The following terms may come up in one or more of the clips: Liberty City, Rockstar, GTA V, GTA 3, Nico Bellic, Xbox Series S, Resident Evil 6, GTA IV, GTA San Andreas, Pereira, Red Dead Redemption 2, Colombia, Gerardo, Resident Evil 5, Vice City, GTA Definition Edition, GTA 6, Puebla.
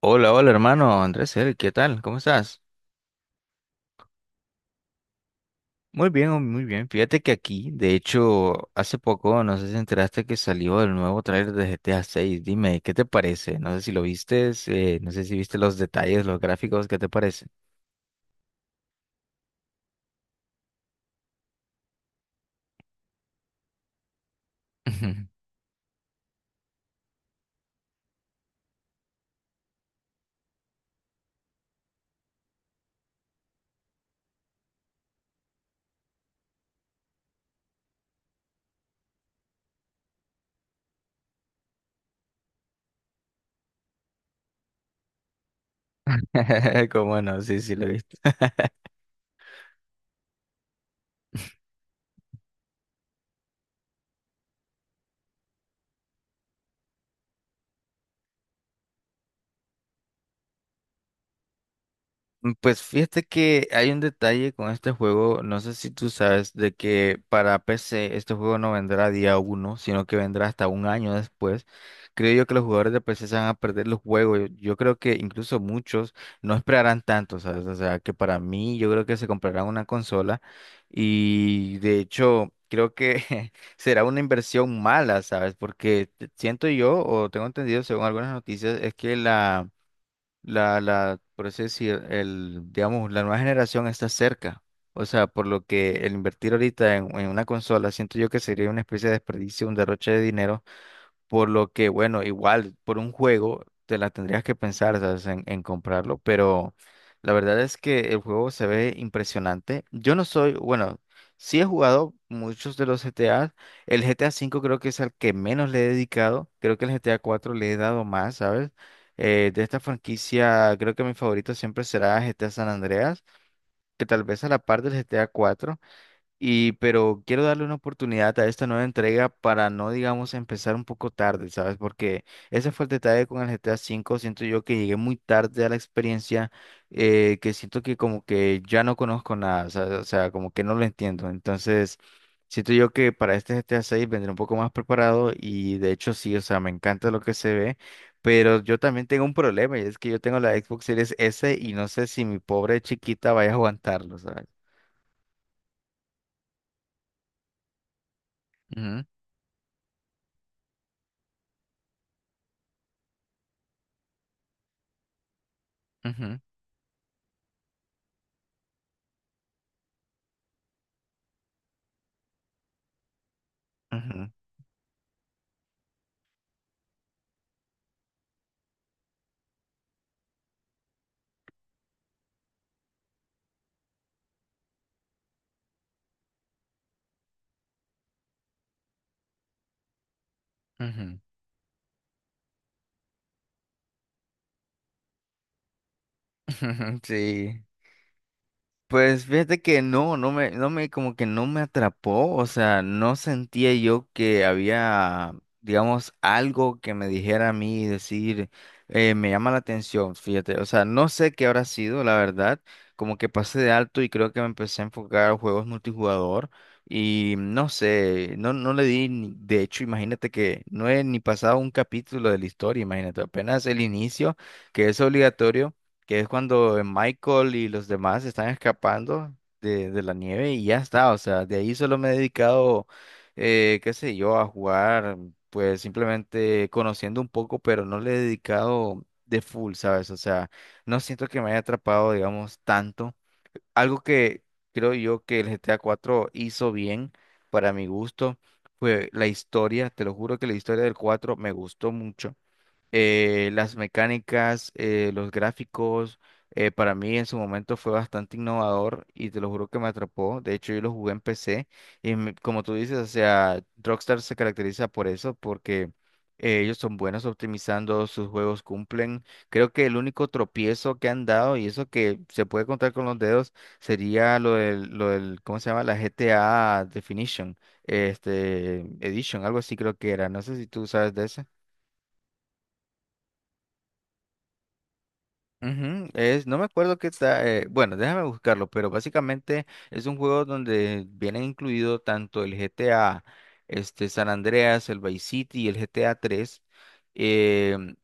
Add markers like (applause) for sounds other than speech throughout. Hola, hola hermano Andrés, ¿qué tal? ¿Cómo estás? Muy bien, oh, muy bien. Fíjate que aquí, de hecho, hace poco, no sé si enteraste que salió el nuevo tráiler de GTA 6. Dime, ¿qué te parece? No sé si lo viste, no sé si viste los detalles, los gráficos, ¿qué te parece? (laughs) Cómo no, sí, sí lo viste. (laughs) Pues fíjate que hay un detalle con este juego, no sé si tú sabes, de que para PC este juego no vendrá día uno, sino que vendrá hasta un año después. Creo yo que los jugadores de PC se van a perder los juegos. Yo creo que incluso muchos no esperarán tanto, ¿sabes? O sea, que para mí yo creo que se comprarán una consola y de hecho creo que (laughs) será una inversión mala, ¿sabes? Porque siento yo, o tengo entendido según algunas noticias, es que la. La, por así decir, el, digamos, la nueva generación está cerca. O sea, por lo que el invertir ahorita en, una consola, siento yo que sería una especie de desperdicio, un derroche de dinero por lo que, bueno, igual por un juego te la tendrías que pensar, ¿sabes? En, comprarlo, pero la verdad es que el juego se ve impresionante. Yo no soy, bueno, sí he jugado muchos de los GTA. El GTA V creo que es al que menos le he dedicado. Creo que el GTA IV le he dado más, ¿sabes? De esta franquicia, creo que mi favorito siempre será GTA San Andreas, que tal vez a la par del GTA IV. Y, pero quiero darle una oportunidad a esta nueva entrega para no, digamos, empezar un poco tarde, ¿sabes? Porque ese fue el detalle con el GTA V. Siento yo que llegué muy tarde a la experiencia, que siento que como que ya no conozco nada, o sea, como que no lo entiendo. Entonces, siento yo que para este GTA VI vendré un poco más preparado y de hecho sí, o sea, me encanta lo que se ve. Pero yo también tengo un problema y es que yo tengo la Xbox Series S y no sé si mi pobre chiquita vaya a aguantarlo, ¿sabes? Ujú, ujú. Ujú, ujú, (laughs) Sí. Pues fíjate que no, no me, como que no me atrapó, o sea, no sentía yo que había, digamos, algo que me dijera a mí, decir, me llama la atención, fíjate, o sea, no sé qué habrá sido, la verdad, como que pasé de alto y creo que me empecé a enfocar a juegos multijugador y no sé, no le di, de hecho, imagínate que no he ni pasado un capítulo de la historia, imagínate, apenas el inicio, que es obligatorio. Que es cuando Michael y los demás están escapando de la nieve y ya está, o sea, de ahí solo me he dedicado, qué sé yo, a jugar, pues simplemente conociendo un poco, pero no le he dedicado de full, ¿sabes? O sea, no siento que me haya atrapado, digamos, tanto. Algo que creo yo que el GTA 4 hizo bien para mi gusto. Fue la historia, te lo juro que la historia del 4 me gustó mucho. Las mecánicas, los gráficos, para mí en su momento fue bastante innovador y te lo juro que me atrapó. De hecho, yo lo jugué en PC como tú dices, o sea, Rockstar se caracteriza por eso, porque ellos son buenos optimizando, sus juegos cumplen. Creo que el único tropiezo que han dado, y eso que se puede contar con los dedos, sería lo del, ¿cómo se llama? La GTA Definition, Edition, algo así creo que era. No sé si tú sabes de eso. Ujú. Es, no me acuerdo qué está, bueno, déjame buscarlo, pero básicamente es un juego donde vienen incluido tanto el GTA, San Andreas, el Vice City y el GTA 3.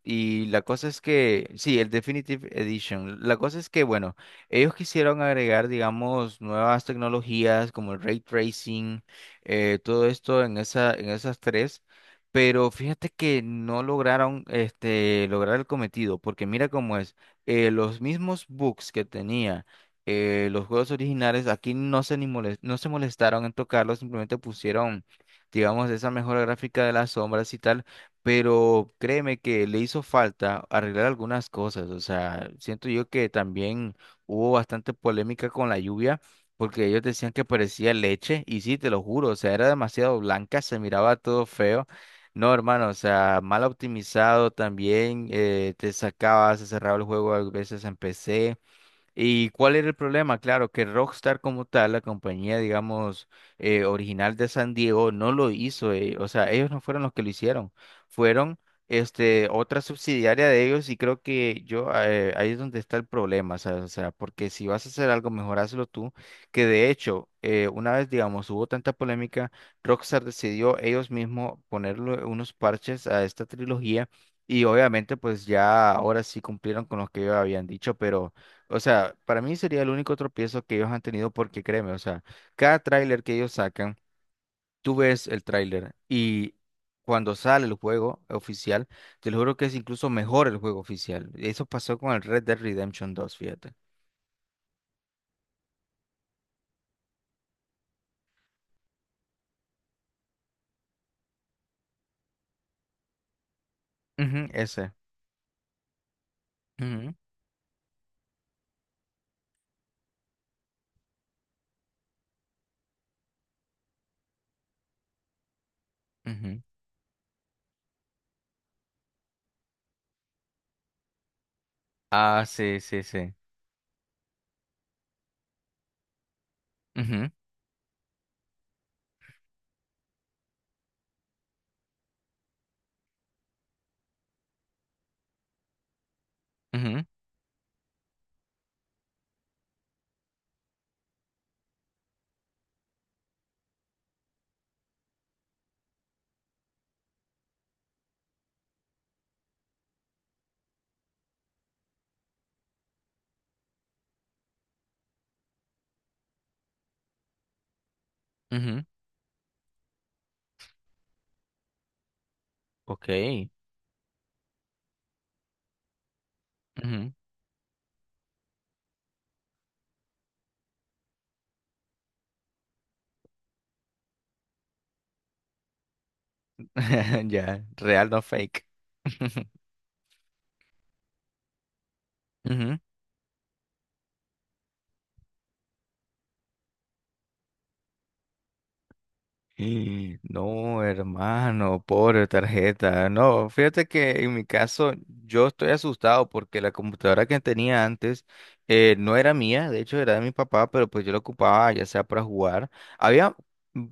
Y la cosa es que, sí, el Definitive Edition. La cosa es que, bueno, ellos quisieron agregar, digamos, nuevas tecnologías como el ray tracing, todo esto en esas tres. Pero fíjate que no lograron lograr el cometido, porque mira cómo es los mismos bugs que tenía los juegos originales, aquí no se molestaron en tocarlos, simplemente pusieron, digamos, esa mejora gráfica de las sombras y tal, pero créeme que le hizo falta arreglar algunas cosas, o sea, siento yo que también hubo bastante polémica con la lluvia. Porque ellos decían que parecía leche, y sí, te lo juro, o sea, era demasiado blanca, se miraba todo feo. No, hermano, o sea, mal optimizado también, te sacaba, se cerraba el juego a veces en PC. ¿Y cuál era el problema? Claro, que Rockstar como tal, la compañía, digamos, original de San Diego, no lo hizo. O sea, ellos no fueron los que lo hicieron. Fueron otra subsidiaria de ellos y creo que yo, ahí es donde está el problema. ¿Sabes? O sea, porque si vas a hacer algo, mejor hazlo tú. Que de hecho, una vez, digamos, hubo tanta polémica, Rockstar decidió ellos mismos ponerle unos parches a esta trilogía. Y obviamente, pues ya ahora sí cumplieron con lo que ellos habían dicho, pero. O sea, para mí sería el único tropiezo que ellos han tenido porque créeme, o sea, cada tráiler que ellos sacan, tú ves el tráiler y cuando sale el juego oficial, te lo juro que es incluso mejor el juego oficial. Eso pasó con el Red Dead Redemption dos, fíjate. Ujú, ese. Ujú, ujú. Ah, sí, sí, sí. Ujú, ujú, ujú. Ok. Ujú. (laughs) Ya, real no fake. (laughs) Ujú. Y no, hermano, pobre tarjeta. No, fíjate que en mi caso yo estoy asustado porque la computadora que tenía antes no era mía, de hecho era de mi papá, pero pues yo la ocupaba ya sea para jugar. Había,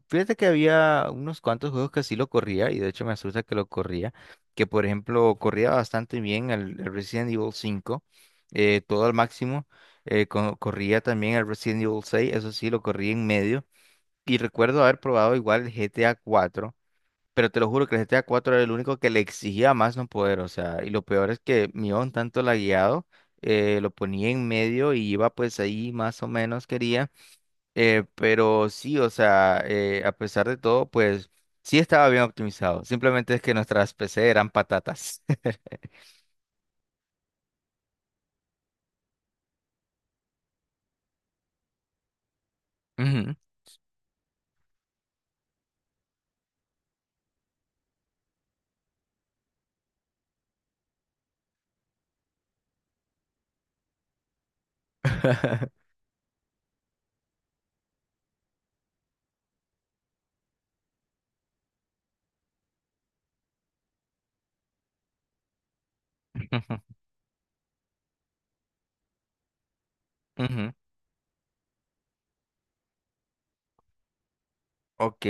fíjate que había unos cuantos juegos que sí lo corría y de hecho me asusta que lo corría, que por ejemplo corría bastante bien el Resident Evil cinco, todo al máximo. Corría también el Resident Evil seis, eso sí lo corría en medio. Y recuerdo haber probado igual el GTA cuatro pero te lo juro que el GTA cuatro era el único que le exigía más no poder, o sea, y lo peor es que mi on tanto lagueado, lo ponía en medio y iba pues ahí más o menos quería, pero sí, o sea, a pesar de todo, pues sí estaba bien optimizado, simplemente es que nuestras PC eran patatas. (laughs) Ujú. (laughs) Ujú. Ok,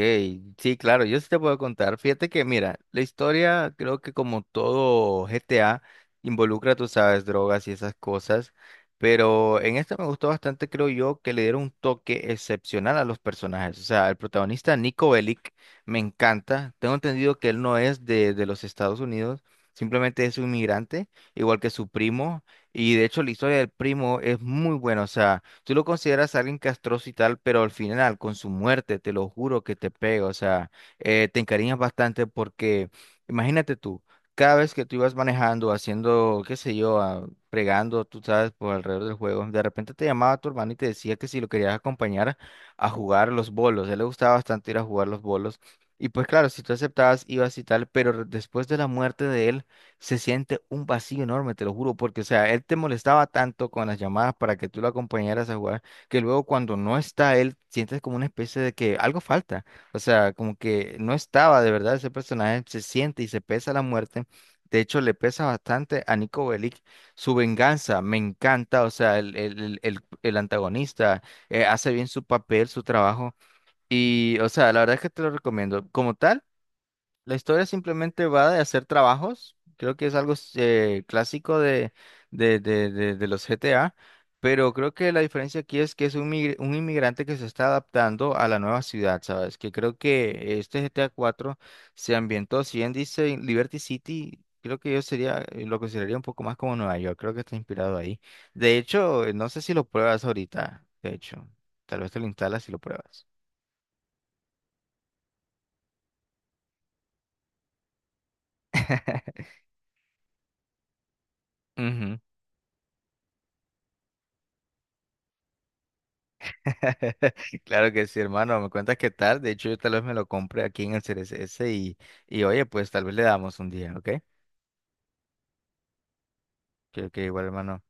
sí, claro, yo sí te puedo contar. Fíjate que, mira, la historia creo que como todo GTA involucra, tú sabes, drogas y esas cosas, pero en esta me gustó bastante, creo yo, que le dieron un toque excepcional a los personajes. O sea, el protagonista Nico Bellic me encanta. Tengo entendido que él no es de los Estados Unidos, simplemente es un inmigrante, igual que su primo, y de hecho la historia del primo es muy buena, o sea. Tú lo consideras alguien castroso y tal, pero al final, con su muerte, te lo juro que te pega. O sea, te encariñas bastante porque, imagínate tú, cada vez que tú ibas manejando, haciendo, qué sé yo, ah, fregando, tú sabes, por alrededor del juego, de repente te llamaba tu hermano y te decía que si lo querías acompañar a jugar los bolos. A él le gustaba bastante ir a jugar los bolos. Y pues claro, si tú aceptabas, ibas y tal, pero después de la muerte de él, se siente un vacío enorme, te lo juro, porque, o sea, él te molestaba tanto con las llamadas para que tú lo acompañaras a jugar, que luego cuando no está él, sientes como una especie de que algo falta, o sea, como que no estaba de verdad ese personaje, se siente y se pesa la muerte. De hecho, le pesa bastante a Nico Bellic su venganza, me encanta, o sea, el antagonista hace bien su papel, su trabajo, y, o sea, la verdad es que te lo recomiendo. Como tal, la historia simplemente va de hacer trabajos, creo que es algo clásico de los GTA, pero creo que la diferencia aquí es que es un inmigrante que se está adaptando a la nueva ciudad, ¿sabes? Que creo que este GTA cuatro se ambientó, si bien dice en Liberty City, creo que yo sería, lo consideraría un poco más como Nueva York, creo que está inspirado ahí. De hecho, no sé si lo pruebas ahorita, de hecho, tal vez te lo instalas y lo pruebas. (laughs) Ujú. (laughs) Claro que sí, hermano. Me cuentas qué tal. De hecho, yo tal vez me lo compre aquí en el C R S y oye, pues tal vez le damos un día, ¿ok? Que igual, hermano.